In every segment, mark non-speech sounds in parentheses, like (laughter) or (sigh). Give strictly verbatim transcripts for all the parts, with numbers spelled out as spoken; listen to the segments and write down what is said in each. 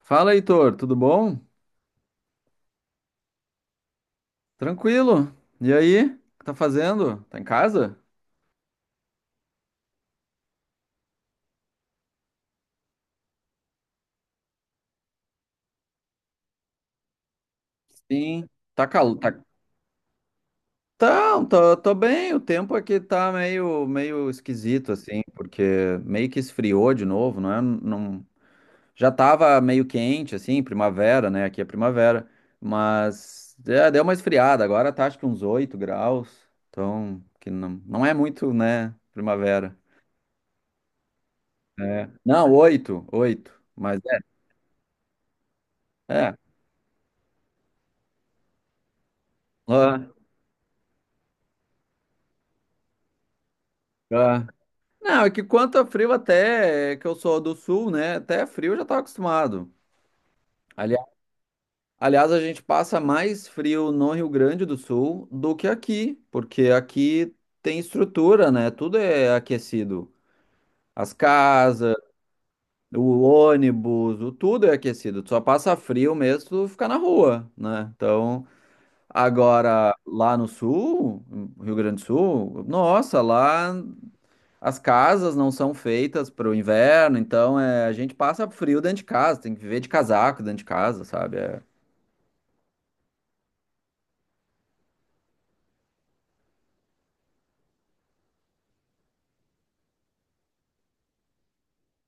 Fala, Heitor, tudo bom? Tranquilo? E aí? O que tá fazendo? Tá em casa? Sim. Tá calor. Tá. Então, tô, tô bem. O tempo aqui tá meio, meio esquisito, assim, porque meio que esfriou de novo, não é? Não. Já tava meio quente, assim, primavera, né? Aqui é primavera. Mas é, deu uma esfriada. Agora tá acho que uns oito graus. Então, que não, não é muito, né? Primavera. É. Não, oito, oito. Mas é. É. Ah, ah. Não, é que quanto a frio até, é, que eu sou do sul, né? Até frio eu já tava acostumado. Ali- Aliás, a gente passa mais frio no Rio Grande do Sul do que aqui, porque aqui tem estrutura, né? Tudo é aquecido. As casas, o ônibus, o tudo é aquecido. Tu só passa frio mesmo se tu ficar na rua, né? Então, agora lá no sul, no Rio Grande do Sul, nossa, lá. As casas não são feitas para o inverno, então é, a gente passa frio dentro de casa, tem que viver de casaco dentro de casa, sabe? É,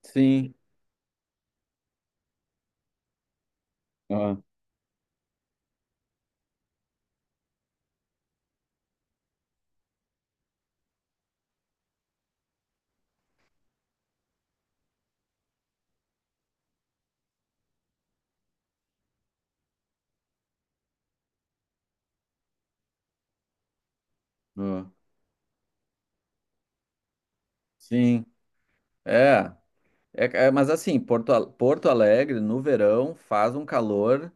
sim, ah, ah, sim, é, é, é, mas assim, Porto, Al- Porto Alegre no verão faz um calor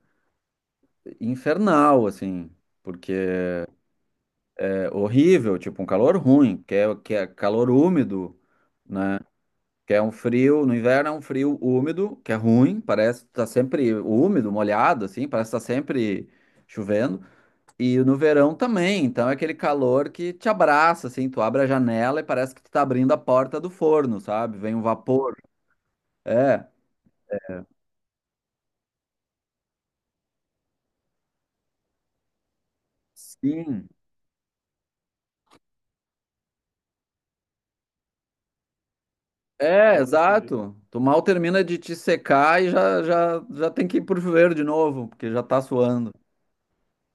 infernal, assim, porque é horrível, tipo um calor ruim, que é, que é calor úmido, né? Que é um frio, no inverno é um frio úmido, que é ruim, parece que tá sempre úmido, molhado, assim, parece que tá sempre chovendo. E no verão também, então é aquele calor que te abraça, assim, tu abre a janela e parece que tu tá abrindo a porta do forno, sabe? Vem um vapor. É, sim. É, exato. Tu mal termina de te secar e já, já, já tem que ir pro chuveiro de novo, porque já tá suando.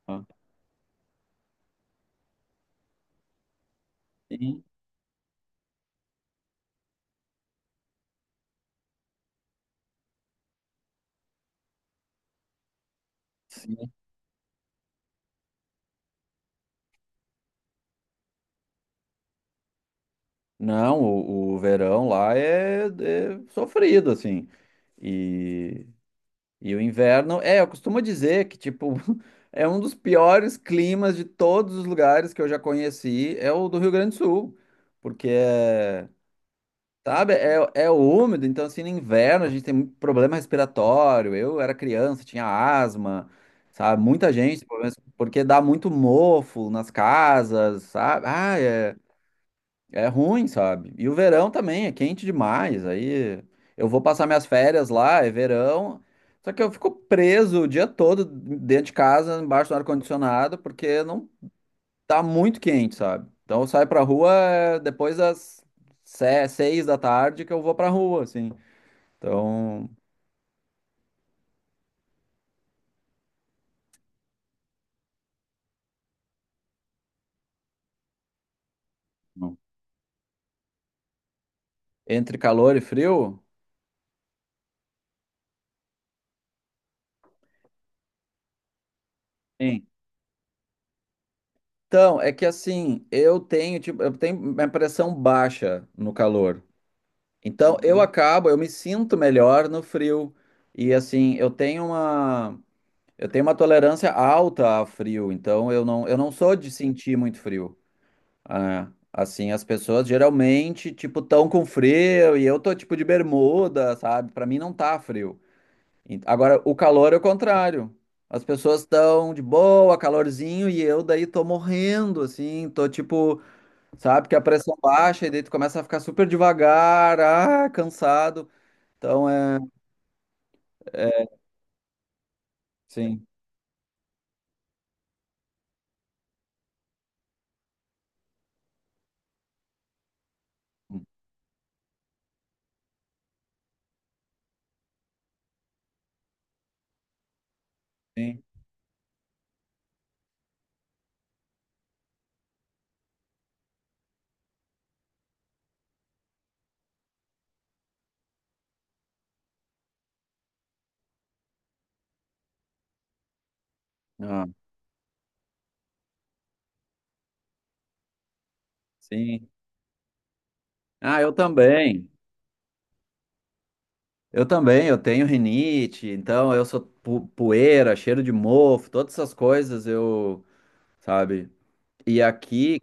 Ah, sim, sim. Não, o, o verão lá é, é sofrido, assim. E, E o inverno, é, eu costumo dizer que, tipo, (laughs) é um dos piores climas de todos os lugares que eu já conheci, é o do Rio Grande do Sul, porque é, sabe, é, é úmido, então, assim, no inverno a gente tem muito problema respiratório, eu era criança, tinha asma, sabe, muita gente, tem problemas- porque dá muito mofo nas casas, sabe, ah, é ruim, sabe? E o verão também é quente demais. Aí eu vou passar minhas férias lá, é verão. Só que eu fico preso o dia todo dentro de casa, embaixo do ar-condicionado, porque não tá muito quente, sabe? Então eu saio pra rua é, depois das se- seis da tarde que eu vou pra rua, assim. Então, entre calor e frio. Sim. Então, é que assim, eu tenho, tipo, eu tenho minha pressão baixa no calor. Então, eu, uhum, acabo, eu me sinto melhor no frio. E assim, eu tenho uma, eu tenho uma tolerância alta a frio, então eu não, eu não sou de sentir muito frio. Ah, assim, as pessoas geralmente, tipo, tão com frio e eu tô tipo de bermuda, sabe? Pra mim não tá frio. E- Agora, o calor é o contrário. As pessoas estão de boa, calorzinho, e eu daí tô morrendo, assim, tô tipo, sabe, que a pressão baixa e daí tu começa a ficar super devagar, ah, cansado. Então é, é sim, sim, ah, sim. Ah, eu também. Eu também, eu tenho rinite, então eu sou pu- poeira, cheiro de mofo, todas essas coisas eu, sabe? E aqui,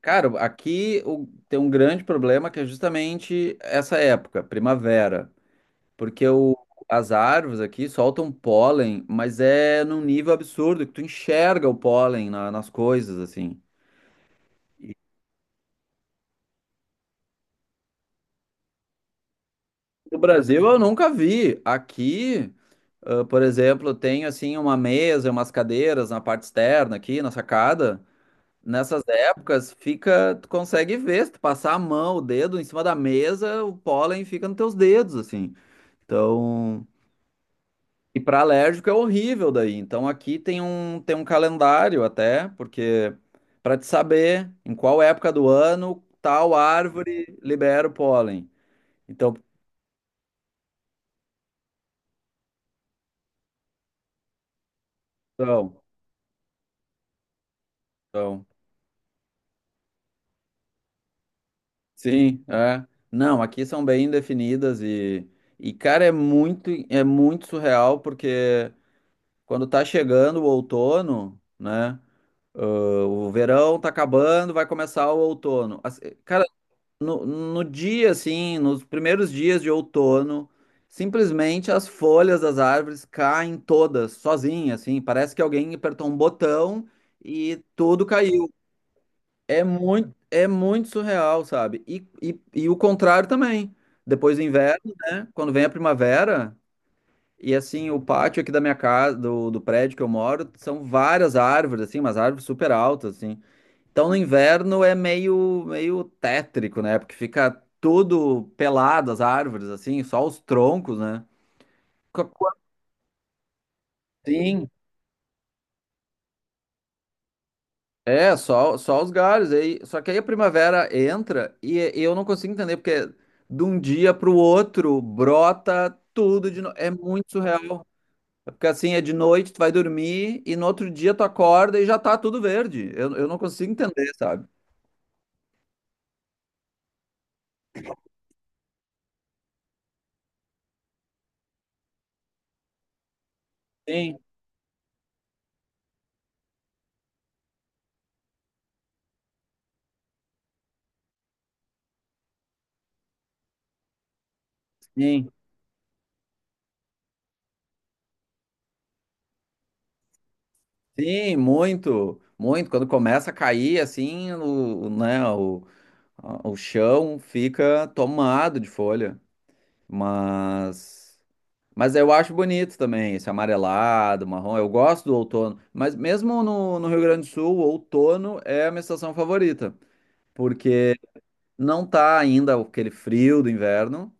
cara, aqui o- tem um grande problema que é justamente essa época, primavera, porque o, as árvores aqui soltam pólen, mas é num nível absurdo que tu enxerga o pólen na- nas coisas assim. No Brasil eu nunca vi. Aqui, ah, por exemplo, tem assim uma mesa, umas cadeiras na parte externa aqui, na sacada. Nessas épocas fica, tu consegue ver, se tu passar a mão, o dedo em cima da mesa, o pólen fica nos teus dedos, assim. Então, e para alérgico é horrível daí. Então aqui tem um tem um calendário até, porque para te saber em qual época do ano tal árvore libera o pólen. Então, então, então sim, é. Não, aqui são bem definidas e, e cara, é muito, é muito surreal porque quando tá chegando o outono, né? Ãh, o verão tá acabando, vai começar o outono. As- Cara, no, no dia, assim, nos primeiros dias de outono, simplesmente as folhas das árvores caem todas, sozinhas, assim. Parece que alguém apertou um botão e tudo caiu. É muito, é muito surreal, sabe? E, e, e o contrário também. Depois do inverno, né? Quando vem a primavera, e assim, o pátio aqui da minha casa, do, do prédio que eu moro, são várias árvores, assim, umas árvores super altas, assim. Então no inverno é meio, meio tétrico, né? Porque fica tudo pelado, as árvores, assim, só os troncos, né? Fica assim. É, só, só os galhos aí. Só que aí a primavera entra e, e eu não consigo entender porque de um dia para o outro brota tudo de novo. É muito surreal. É. Porque assim, é de noite, tu vai dormir e no outro dia tu acorda e já tá tudo verde. Eu, eu não consigo entender, sabe? Sim, sim. Sim, muito, muito. Quando começa a cair assim, o, o, né, o, a- o chão fica tomado de folha. Mas. Mas eu acho bonito também, esse amarelado, marrom. Eu gosto do outono. Mas mesmo no, no Rio Grande do Sul, o outono é a minha estação favorita. Porque não tá ainda aquele frio do inverno,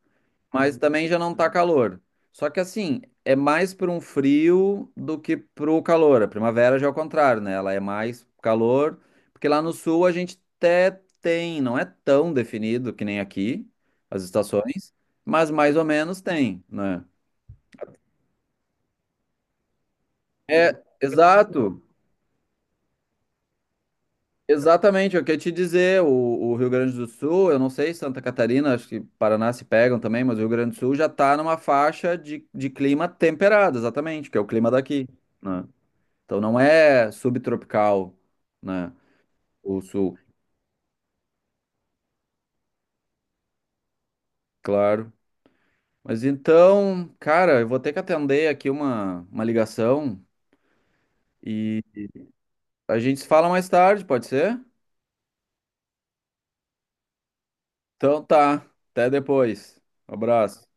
mas também já não tá calor. Só que assim, é mais para um frio do que pro calor. A primavera já é o contrário, né? Ela é mais calor. Porque lá no sul a gente até tem, não é tão definido que nem aqui, as estações, mas mais ou menos tem, né? É, exato, exatamente, eu queria te dizer, o, o Rio Grande do Sul, eu não sei, Santa Catarina, acho que Paraná se pegam também, mas o Rio Grande do Sul já está numa faixa de, de clima temperado, exatamente, que é o clima daqui, né? Então não é subtropical, né, o Sul, claro. Mas então, cara, eu vou ter que atender aqui uma, uma ligação e a gente se fala mais tarde, pode ser? Então tá, até depois, um abraço.